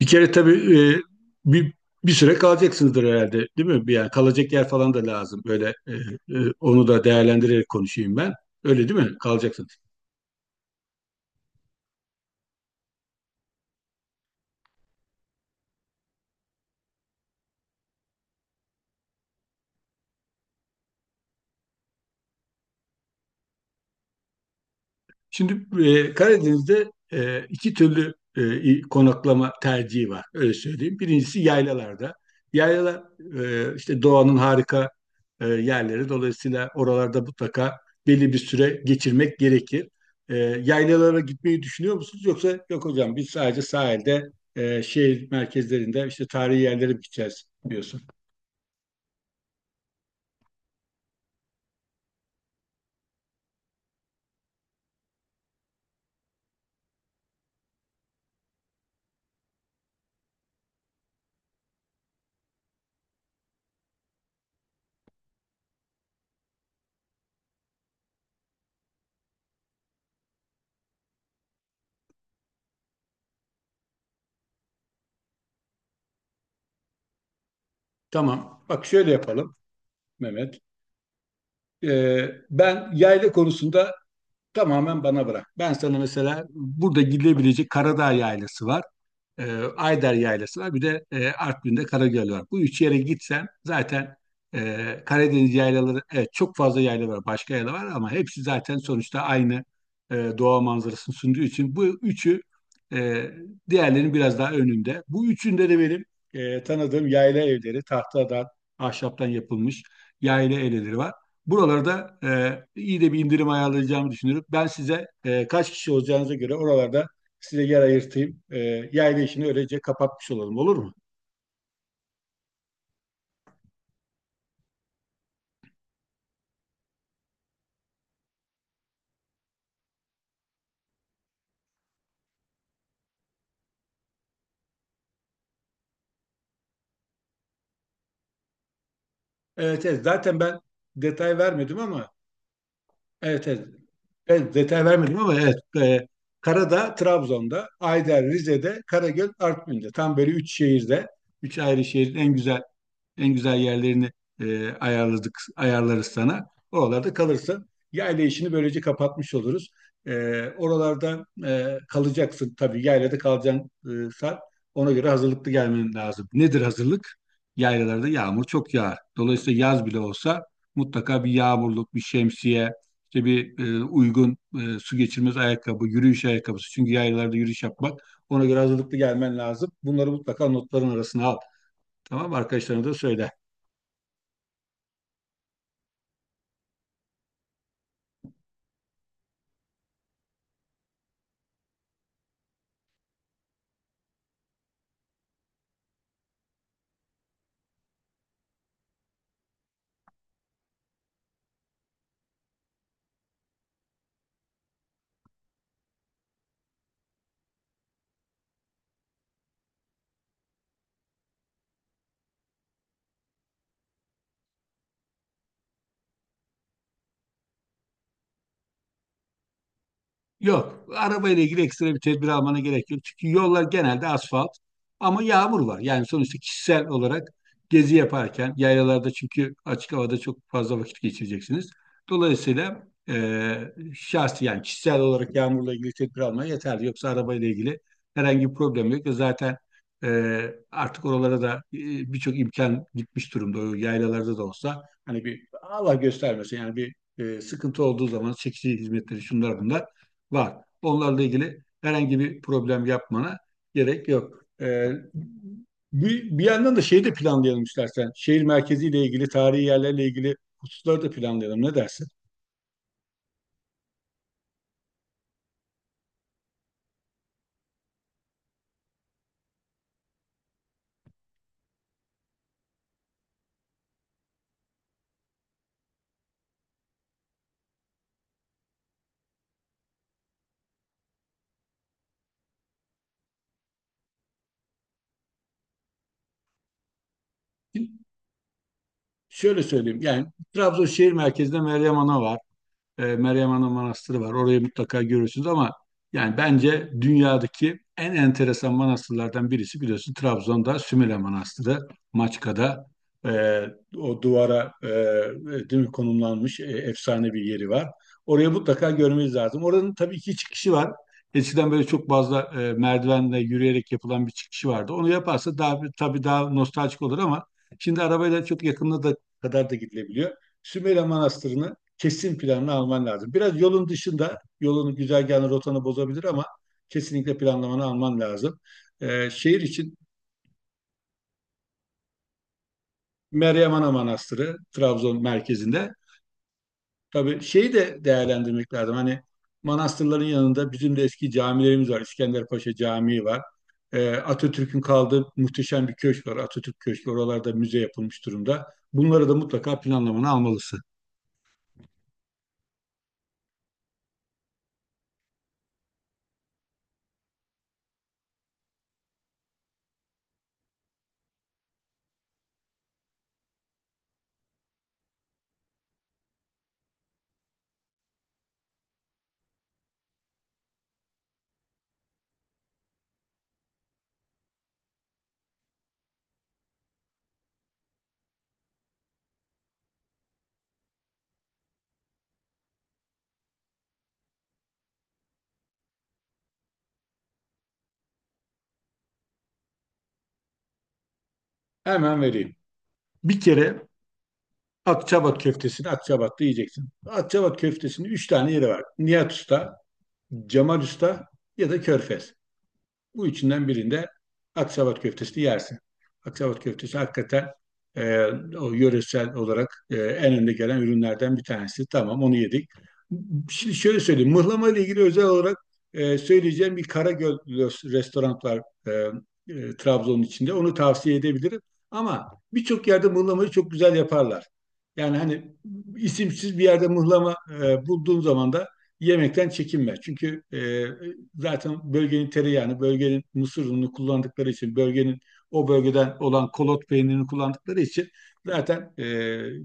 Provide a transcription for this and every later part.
Bir kere tabii bir, bir süre kalacaksınızdır herhalde, değil mi? Yani kalacak yer falan da lazım. Böyle onu da değerlendirerek konuşayım ben. Öyle değil mi? Kalacaksın. Şimdi Karadeniz'de iki türlü konaklama tercihi var. Öyle söyleyeyim. Birincisi yaylalarda. Yaylalar işte doğanın harika yerleri. Dolayısıyla oralarda mutlaka belli bir süre geçirmek gerekir. E, Yaylalara gitmeyi düşünüyor musunuz? Yoksa yok hocam biz sadece sahilde şehir merkezlerinde işte tarihi yerlere gideceğiz diyorsun. Tamam. Bak şöyle yapalım Mehmet. E, Ben yayla konusunda tamamen bana bırak. Ben sana mesela burada gidebilecek Karadağ Yaylası var. e, Ayder Yaylası var. Bir de Artvin'de Karagöl var. Bu üç yere gitsen zaten Karadeniz yaylaları, evet, çok fazla yayla var. Başka yayla var ama hepsi zaten sonuçta aynı doğa manzarasını sunduğu için bu üçü e, diğerlerinin biraz daha önünde. Bu üçünde de benim tanıdığım yayla evleri, tahtadan, ahşaptan yapılmış yayla evleri var. Buralarda iyi de bir indirim ayarlayacağımı düşünüyorum. Ben size kaç kişi olacağınıza göre oralarda size yer ayırtayım. Yayla işini öylece kapatmış olalım, olur mu? Evet, evet, zaten ben detay vermedim ama evet, evet. Evet, detay vermedim ama evet. e, Karada, Trabzon'da, Ayder, Rize'de, Karagöl, Artvin'de. Tam böyle üç şehirde, üç ayrı şehrin en güzel, yerlerini ayarladık, ayarlarız sana. Oralarda kalırsın. Yayla işini böylece kapatmış oluruz. Oralarda kalacaksın tabii. Yaylada kalacaksın saat. Ona göre hazırlıklı gelmen lazım. Nedir hazırlık? Yaylalarda yağmur çok yağar. Dolayısıyla yaz bile olsa mutlaka bir yağmurluk, bir şemsiye, işte bir uygun su geçirmez ayakkabı, yürüyüş ayakkabısı. Çünkü yaylalarda yürüyüş yapmak, ona göre hazırlıklı gelmen lazım. Bunları mutlaka notların arasına al. Tamam, arkadaşlarına da söyle. Yok, arabayla ilgili ekstra bir tedbir almana gerek yok. Çünkü yollar genelde asfalt ama yağmur var. Yani sonuçta kişisel olarak gezi yaparken yayalarda, çünkü açık havada çok fazla vakit geçireceksiniz. Dolayısıyla şahsi, yani kişisel olarak yağmurla ilgili tedbir almaya yeterli. Yoksa arabayla ilgili herhangi bir problem yok. Zaten artık oralara da birçok imkan gitmiş durumda. O yaylalarda da olsa, hani bir Allah göstermesin, yani bir sıkıntı olduğu zaman çekici hizmetleri, şunlar bunlar var. Onlarla ilgili herhangi bir problem yapmana gerek yok. Bir yandan da şeyi de planlayalım istersen. Şehir merkeziyle ilgili, tarihi yerlerle ilgili hususları da planlayalım. Ne dersin? Şöyle söyleyeyim. Yani Trabzon şehir merkezinde Meryem Ana var. Meryem Ana Manastırı var. Orayı mutlaka görürsünüz ama yani bence dünyadaki en enteresan manastırlardan birisi, biliyorsun, Trabzon'da Sümele Manastırı, Maçka'da e, o duvara, değil mi, konumlanmış efsane bir yeri var. Oraya mutlaka görmeniz lazım. Oranın tabii ki çıkışı var. Eskiden böyle çok fazla merdivenle yürüyerek yapılan bir çıkışı vardı. Onu yaparsa daha tabii daha nostaljik olur ama şimdi arabayla çok yakınına da kadar da gidilebiliyor. Sümele Manastırı'nı kesin planını alman lazım. Biraz yolun dışında, yolunu, güzergahını, rotanı bozabilir ama kesinlikle planlamanı alman lazım. Şehir için Meryem Ana Manastırı Trabzon merkezinde. Tabii şeyi de değerlendirmek lazım. Hani manastırların yanında bizim de eski camilerimiz var. İskenderpaşa Camii var. Atatürk'ün kaldığı muhteşem bir köşk var, Atatürk Köşkü. Oralarda müze yapılmış durumda. Bunları da mutlaka planlamanı almalısın. Hemen vereyim. Bir kere Akçabat köftesini Akçabat'ta yiyeceksin. Akçabat köftesinin üç tane yeri var: Nihat Usta, Cemal Usta ya da Körfez. Bu üçünden birinde Aksavat köftesini yersin. Aksavat köftesi hakikaten e, o yöresel olarak en önde gelen ürünlerden bir tanesi. Tamam, onu yedik. Şimdi şöyle söyleyeyim. Mıhlama ile ilgili özel olarak söyleyeceğim bir Karagöl restoran var, e, Trabzon'un içinde. Onu tavsiye edebilirim. Ama birçok yerde mıhlamayı çok güzel yaparlar. Yani hani isimsiz bir yerde mıhlama bulduğum zaman da yemekten çekinme. Çünkü zaten bölgenin tereyağını, bölgenin mısır ununu kullandıkları için, bölgenin o bölgeden olan kolot peynirini kullandıkları için zaten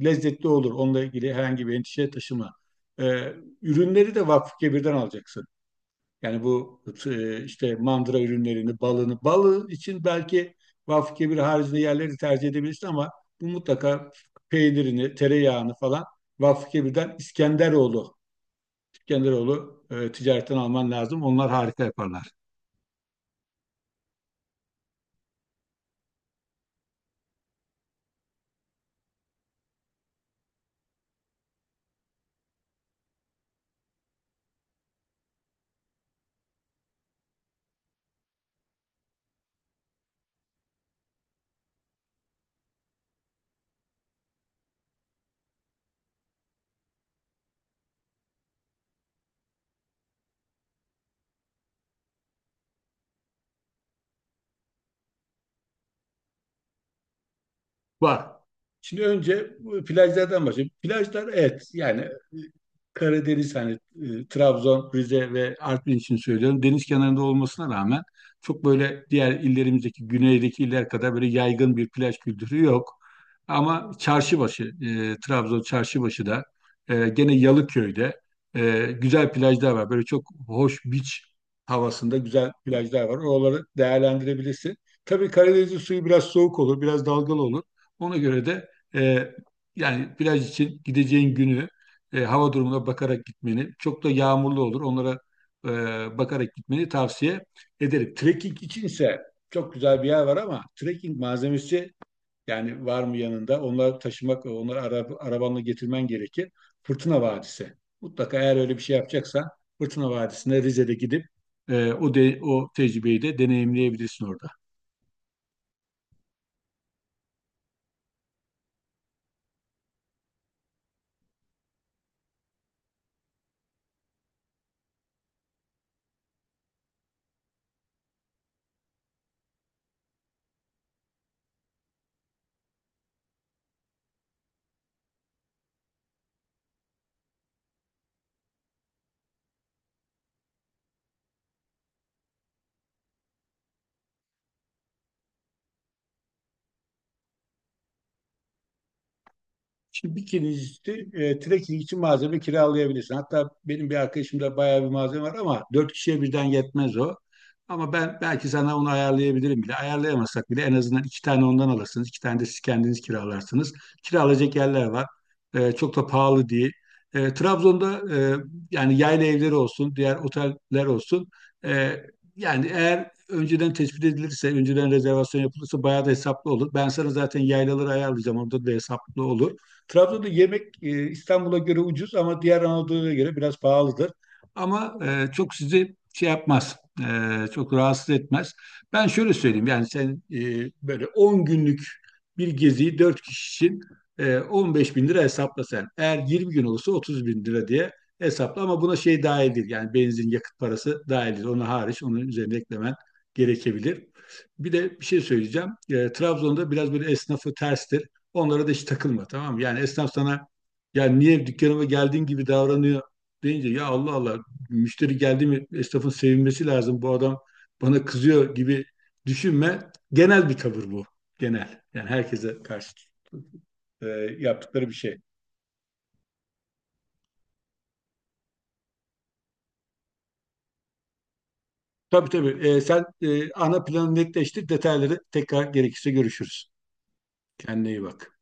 lezzetli olur. Onunla ilgili herhangi bir endişe taşıma. E, Ürünleri de Vakfı alacaksın. Yani bu, işte mandıra ürünlerini, balını, balı için belki Vakfı haricinde yerleri tercih edebilirsin ama bu mutlaka peynirini, tereyağını falan Vakfı İskenderoğlu, Genderoğlu ticaretten alman lazım. Onlar harika yaparlar. Var. Şimdi önce bu plajlardan başlayayım. Plajlar, evet, yani Karadeniz, hani Trabzon, Rize ve Artvin için söylüyorum. Deniz kenarında olmasına rağmen çok böyle diğer illerimizdeki, güneydeki iller kadar böyle yaygın bir plaj kültürü yok. Ama Çarşıbaşı, Trabzon Çarşıbaşı'da, gene Yalıköy'de güzel plajlar var. Böyle çok hoş, beach havasında güzel plajlar var. Oraları değerlendirebilirsin. Tabii Karadeniz'in suyu biraz soğuk olur, biraz dalgalı olur. Ona göre de e, yani plaj için gideceğin günü hava durumuna bakarak gitmeni, çok da yağmurlu olur, onlara bakarak gitmeni tavsiye ederim. Trekking içinse çok güzel bir yer var ama trekking malzemesi, yani var mı yanında? Onları taşımak, onları arabanla getirmen gerekir. Fırtına Vadisi. Mutlaka eğer öyle bir şey yapacaksan, Fırtına Vadisi'ne Rize'de gidip o tecrübeyi de deneyimleyebilirsin orada. Şimdi kirincisi, trekking için malzeme kiralayabilirsin. Hatta benim bir arkadaşımda bayağı bir malzeme var ama dört kişiye birden yetmez o. Ama ben belki sana onu ayarlayabilirim bile. Ayarlayamazsak bile en azından iki tane ondan alırsınız. İki tane de siz kendiniz kiralarsınız. Kiralayacak yerler var. Çok da pahalı değil. Trabzon'da, yani yayla evleri olsun, diğer oteller olsun. E, Yani eğer önceden tespit edilirse, önceden rezervasyon yapılırsa bayağı da hesaplı olur. Ben sana zaten yaylaları ayarlayacağım. Orada da hesaplı olur. Trabzon'da yemek İstanbul'a göre ucuz ama diğer Anadolu'ya göre biraz pahalıdır. Ama çok sizi şey yapmaz, çok rahatsız etmez. Ben şöyle söyleyeyim, yani sen böyle 10 günlük bir geziyi 4 kişi için 15 bin lira hesapla sen. Eğer 20 gün olursa 30 bin lira diye hesapla ama buna şey dahil değil. Yani benzin, yakıt parası dahil değil. Ona hariç, onun üzerine eklemen gerekebilir. Bir de bir şey söyleyeceğim. Trabzon'da biraz böyle esnafı terstir. Onlara da hiç takılma, tamam mı? Yani esnaf sana, ya niye dükkanıma geldiğin gibi davranıyor deyince, ya Allah Allah, müşteri geldi mi esnafın sevinmesi lazım. Bu adam bana kızıyor gibi düşünme. Genel bir tavır bu. Genel. Yani herkese karşı e, yaptıkları bir şey. Tabii, tabii. Sen ana planı netleştir. Detayları, tekrar gerekirse, görüşürüz. Kendine iyi bak.